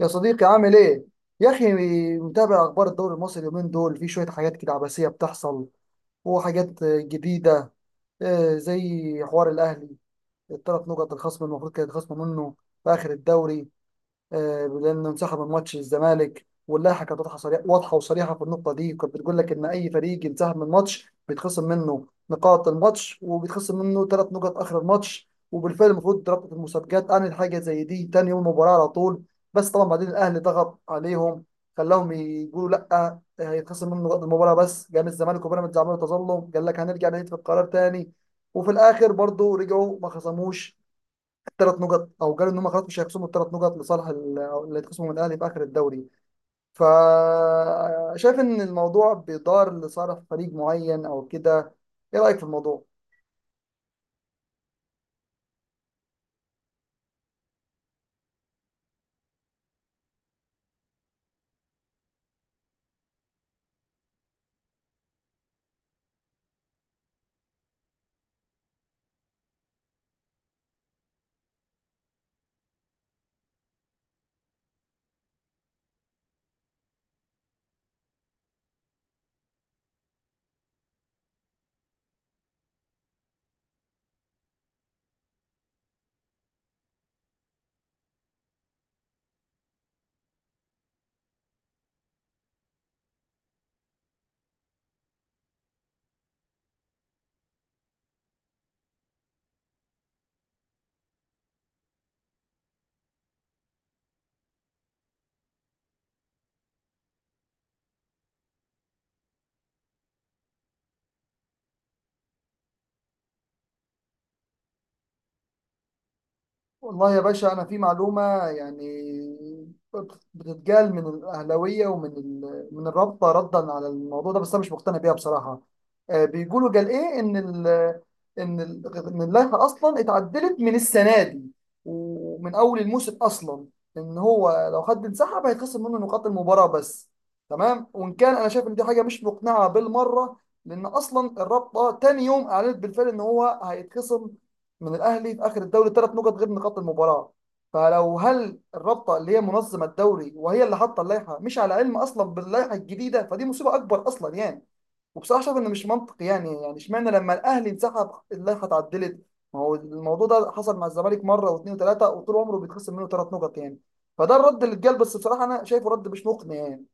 يا صديقي عامل ايه؟ يا اخي، متابع اخبار الدوري المصري اليومين دول؟ في شويه حاجات كده عباسيه بتحصل وحاجات جديده. زي حوار الاهلي، الثلاث نقط الخصم المفروض كانت خصم منه في اخر الدوري. لانه انسحب من ماتش الزمالك، واللائحه كانت واضحه وصريحه في النقطه دي. كانت بتقول لك ان اي فريق ينسحب من ماتش بيتخصم منه نقاط الماتش، وبيتخصم منه ثلاث نقط اخر الماتش. وبالفعل المفروض رابطه المسابقات انهت حاجه زي دي تاني يوم المباراه على طول. بس طبعا بعدين الاهلي ضغط عليهم، خلاهم يقولوا لا، هيتخصم منه نقاط المباراه بس. قام الزمالك وبيراميدز عملوا تظلم، قال لك هنرجع نعيد في القرار تاني، وفي الاخر برضه رجعوا ما خصموش ثلاث نقط، او قالوا ان هم خلاص مش هيخصموا الثلاث نقط لصالح ال- أو اللي هيتخصموا من الاهلي في اخر الدوري. فشايف ان الموضوع بيدار لصالح فريق معين او كده. ايه رايك في الموضوع؟ والله يا باشا، أنا في معلومة يعني بتتقال من الأهلاوية ومن من الرابطة ردا على الموضوع ده، بس أنا مش مقتنع بيها بصراحة. بيقولوا قال إيه إن إن اللائحة أصلا اتعدلت من السنة دي ومن أول الموسم أصلا، إن هو لو حد انسحب هيتخصم منه نقاط المباراة بس. تمام، وإن كان أنا شايف إن دي حاجة مش مقنعة بالمرة، لأن أصلا الرابطة تاني يوم أعلنت بالفعل إن هو هيتخصم من الاهلي في اخر الدوري ثلاث نقط غير نقاط المباراه. فلو هل الرابطه اللي هي منظمه الدوري وهي اللي حاطه اللائحه مش على علم اصلا باللائحه الجديده، فدي مصيبه اكبر اصلا يعني. وبصراحه شايف انه مش منطقي، يعني يعني اشمعنى لما الاهلي انسحب اللائحه اتعدلت؟ ما هو الموضوع ده حصل مع الزمالك مره واثنين وثلاثه وطول عمره بيتخصم منه ثلاث نقط يعني. فده الرد اللي اتقال، بس بصراحه انا شايفه رد مش مقنع يعني.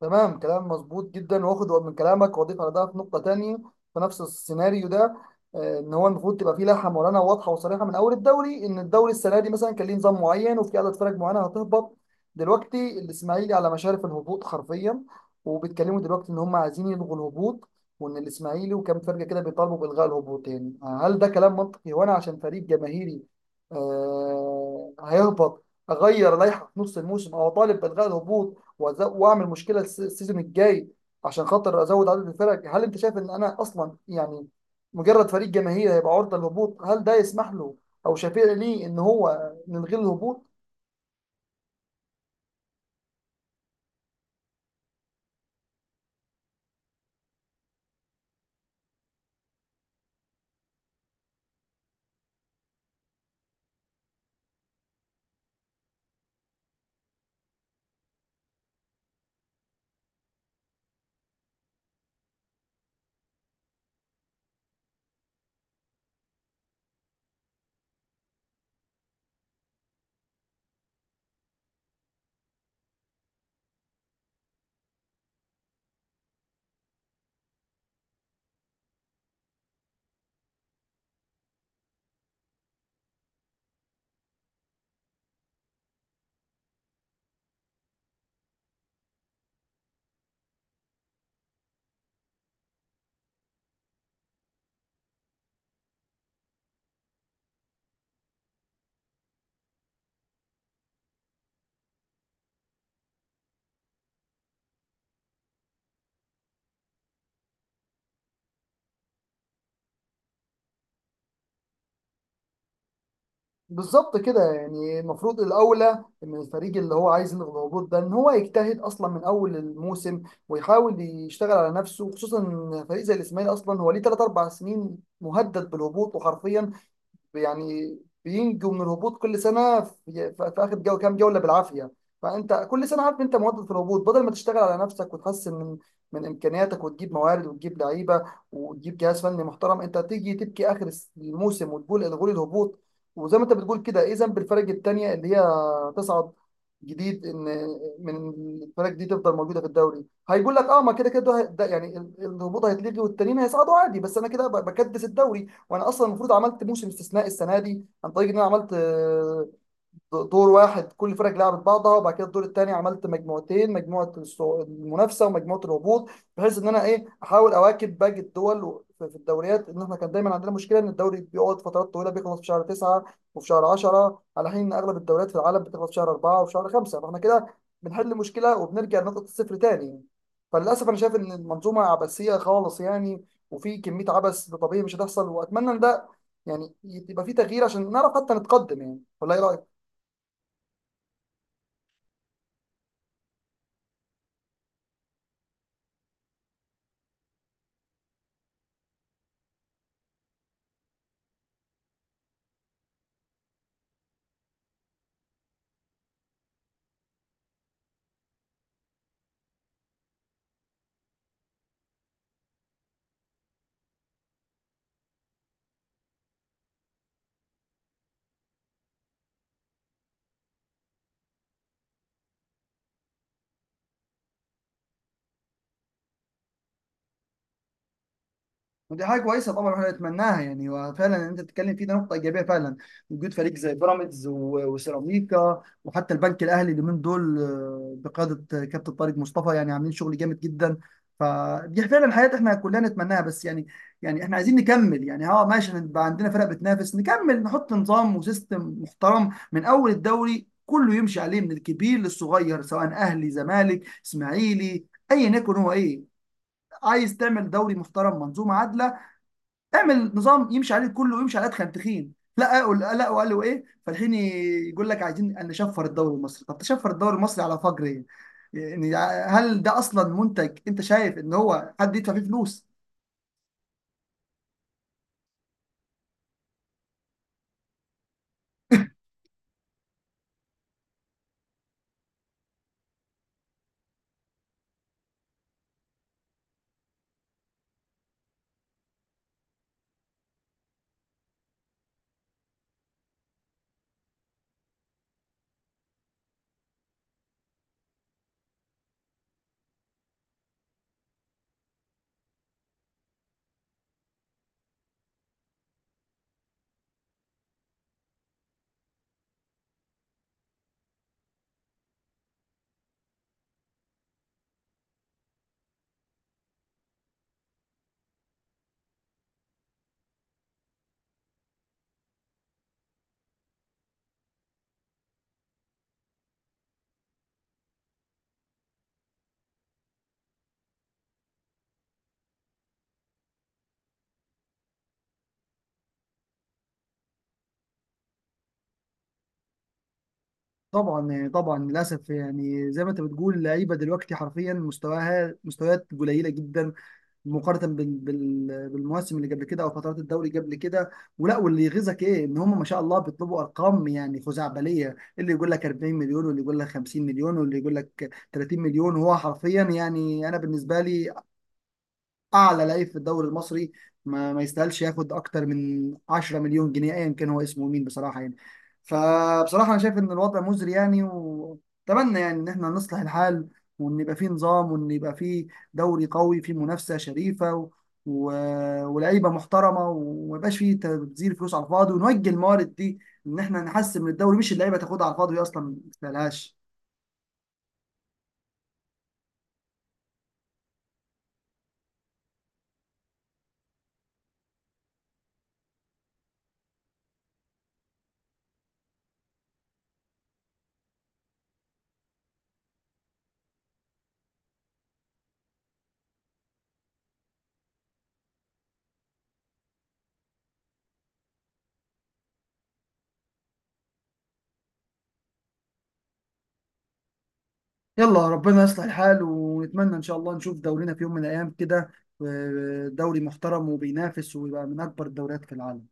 تمام، كلام مظبوط جدا. واخد من كلامك واضيف على ده في نقطة تانية في نفس السيناريو ده. ان هو المفروض تبقى فيه لائحة معلنة واضحة وصريحة من اول الدوري، ان الدوري السنة دي مثلا كان ليه نظام معين وفي عدد فرق معينة هتهبط. دلوقتي الاسماعيلي على مشارف الهبوط حرفيا، وبيتكلموا دلوقتي ان هم عايزين يلغوا الهبوط، وان الاسماعيلي وكام فرقة كده بيطالبوا بإلغاء الهبوطين. هل ده كلام منطقي؟ وانا عشان فريق جماهيري هيهبط، اغير لائحة في نص الموسم او اطالب بإلغاء الهبوط واعمل مشكله السيزون الجاي عشان خاطر ازود عدد الفرق؟ هل انت شايف ان انا اصلا يعني مجرد فريق جماهيري هيبقى عرضه للهبوط هل ده يسمح له او شفيع ليه ان هو نلغي الهبوط؟ بالظبط كده، يعني المفروض الاولى ان الفريق اللي هو عايز يلغي الهبوط ده ان هو يجتهد اصلا من اول الموسم، ويحاول يشتغل على نفسه. خصوصا ان فريق زي الاسماعيلي اصلا هو ليه 3 4 سنين مهدد بالهبوط وحرفيا يعني بينجوا من الهبوط كل سنه في اخر كام جوله بالعافيه. فانت كل سنه عارف انت مواظب في الهبوط، بدل ما تشتغل على نفسك وتحسن من امكانياتك وتجيب موارد وتجيب لعيبه وتجيب جهاز فني محترم، انت تيجي تبكي اخر الموسم وتقول الغوا لي الهبوط. وزي ما انت بتقول كده، ايه ذنب الفرق التانيه اللي هي تصعد جديد ان من الفرق دي تفضل موجوده في الدوري؟ هيقول لك اه ما كده كده ده يعني الهبوط هيتلغي والتانيين هيصعدوا عادي، بس انا كده بكدس الدوري. وانا اصلا المفروض عملت موسم استثنائي السنه دي، عن طريق ان انا عملت دور واحد كل فرق لعبت بعضها، وبعد كده الدور الثاني عملت مجموعتين، مجموعه المنافسه ومجموعه الهبوط. بحيث ان انا ايه احاول اواكب باقي الدول في الدوريات. ان احنا كان دايما عندنا مشكله ان الدوري بيقعد فترات طويله بيخلص في شهر 9 وفي شهر 10، على حين ان اغلب الدوريات في العالم بتخلص في شهر 4 وفي شهر 5. فاحنا كده بنحل مشكله وبنرجع لنقطه الصفر تاني. فللاسف انا شايف ان المنظومه عبثيه خالص يعني، وفي كميه عبث طبيعي مش هتحصل. واتمنى ان ده يعني يبقى في تغيير عشان نعرف حتى نتقدم يعني. ولا ايه رايك؟ ودي حاجه كويسه طبعا احنا نتمناها يعني. وفعلا اللي انت بتتكلم فيه ده نقطه ايجابيه فعلا، وجود فريق زي بيراميدز وسيراميكا وحتى البنك الاهلي اليومين دول، بقياده كابتن طارق مصطفى، يعني عاملين شغل جامد جدا. فدي فعلا حياه احنا كلنا نتمناها، بس يعني يعني احنا عايزين نكمل يعني. اه ماشي، نبقى عندنا فرق بتنافس، نكمل نحط نظام وسيستم محترم من اول الدوري كله يمشي عليه من الكبير للصغير، سواء اهلي زمالك اسماعيلي ايا يكن. هو ايه؟ عايز تعمل دوري محترم منظومه عادله؟ اعمل نظام يمشي عليه كله، ويمشي على ادخل تخين لا قال لا. وقالوا ايه فالحين؟ يقول لك عايزين ان نشفر الدوري المصري. طب تشفر الدوري المصري على فجر ايه يعني؟ هل ده اصلا منتج انت شايف ان هو حد يدفع فيه فلوس؟ طبعا طبعا للاسف، يعني زي ما انت بتقول، اللعيبه دلوقتي حرفيا مستواها مستويات قليله جدا مقارنه بالمواسم اللي قبل كده او فترات الدوري قبل كده. ولا واللي يغيظك ايه ان هم ما شاء الله بيطلبوا ارقام يعني خزعبليه، اللي يقول لك 40 مليون واللي يقول لك 50 مليون واللي يقول لك 30 مليون. وهو حرفيا يعني انا بالنسبه لي اعلى لعيب في الدوري المصري ما يستاهلش ياخد اكتر من 10 مليون جنيه ايا كان هو اسمه مين بصراحه يعني. فبصراحه انا شايف ان الوضع مزري يعني، واتمنى يعني ان احنا نصلح الحال، وان يبقى فيه نظام وان يبقى فيه دوري قوي فيه منافسه شريفه و... ولاعيبه محترمه، وما يبقاش فيه تبذير فلوس على الفاضي، ونوجه الموارد دي ان احنا نحسن من الدوري، مش اللعيبه تاخدها على الفاضي وهي اصلا ما تستاهلهاش. يلا ربنا يصلح الحال، ونتمنى ان شاء الله نشوف دورينا في يوم من الايام كده، دوري محترم وبينافس ويبقى من اكبر الدوريات في العالم.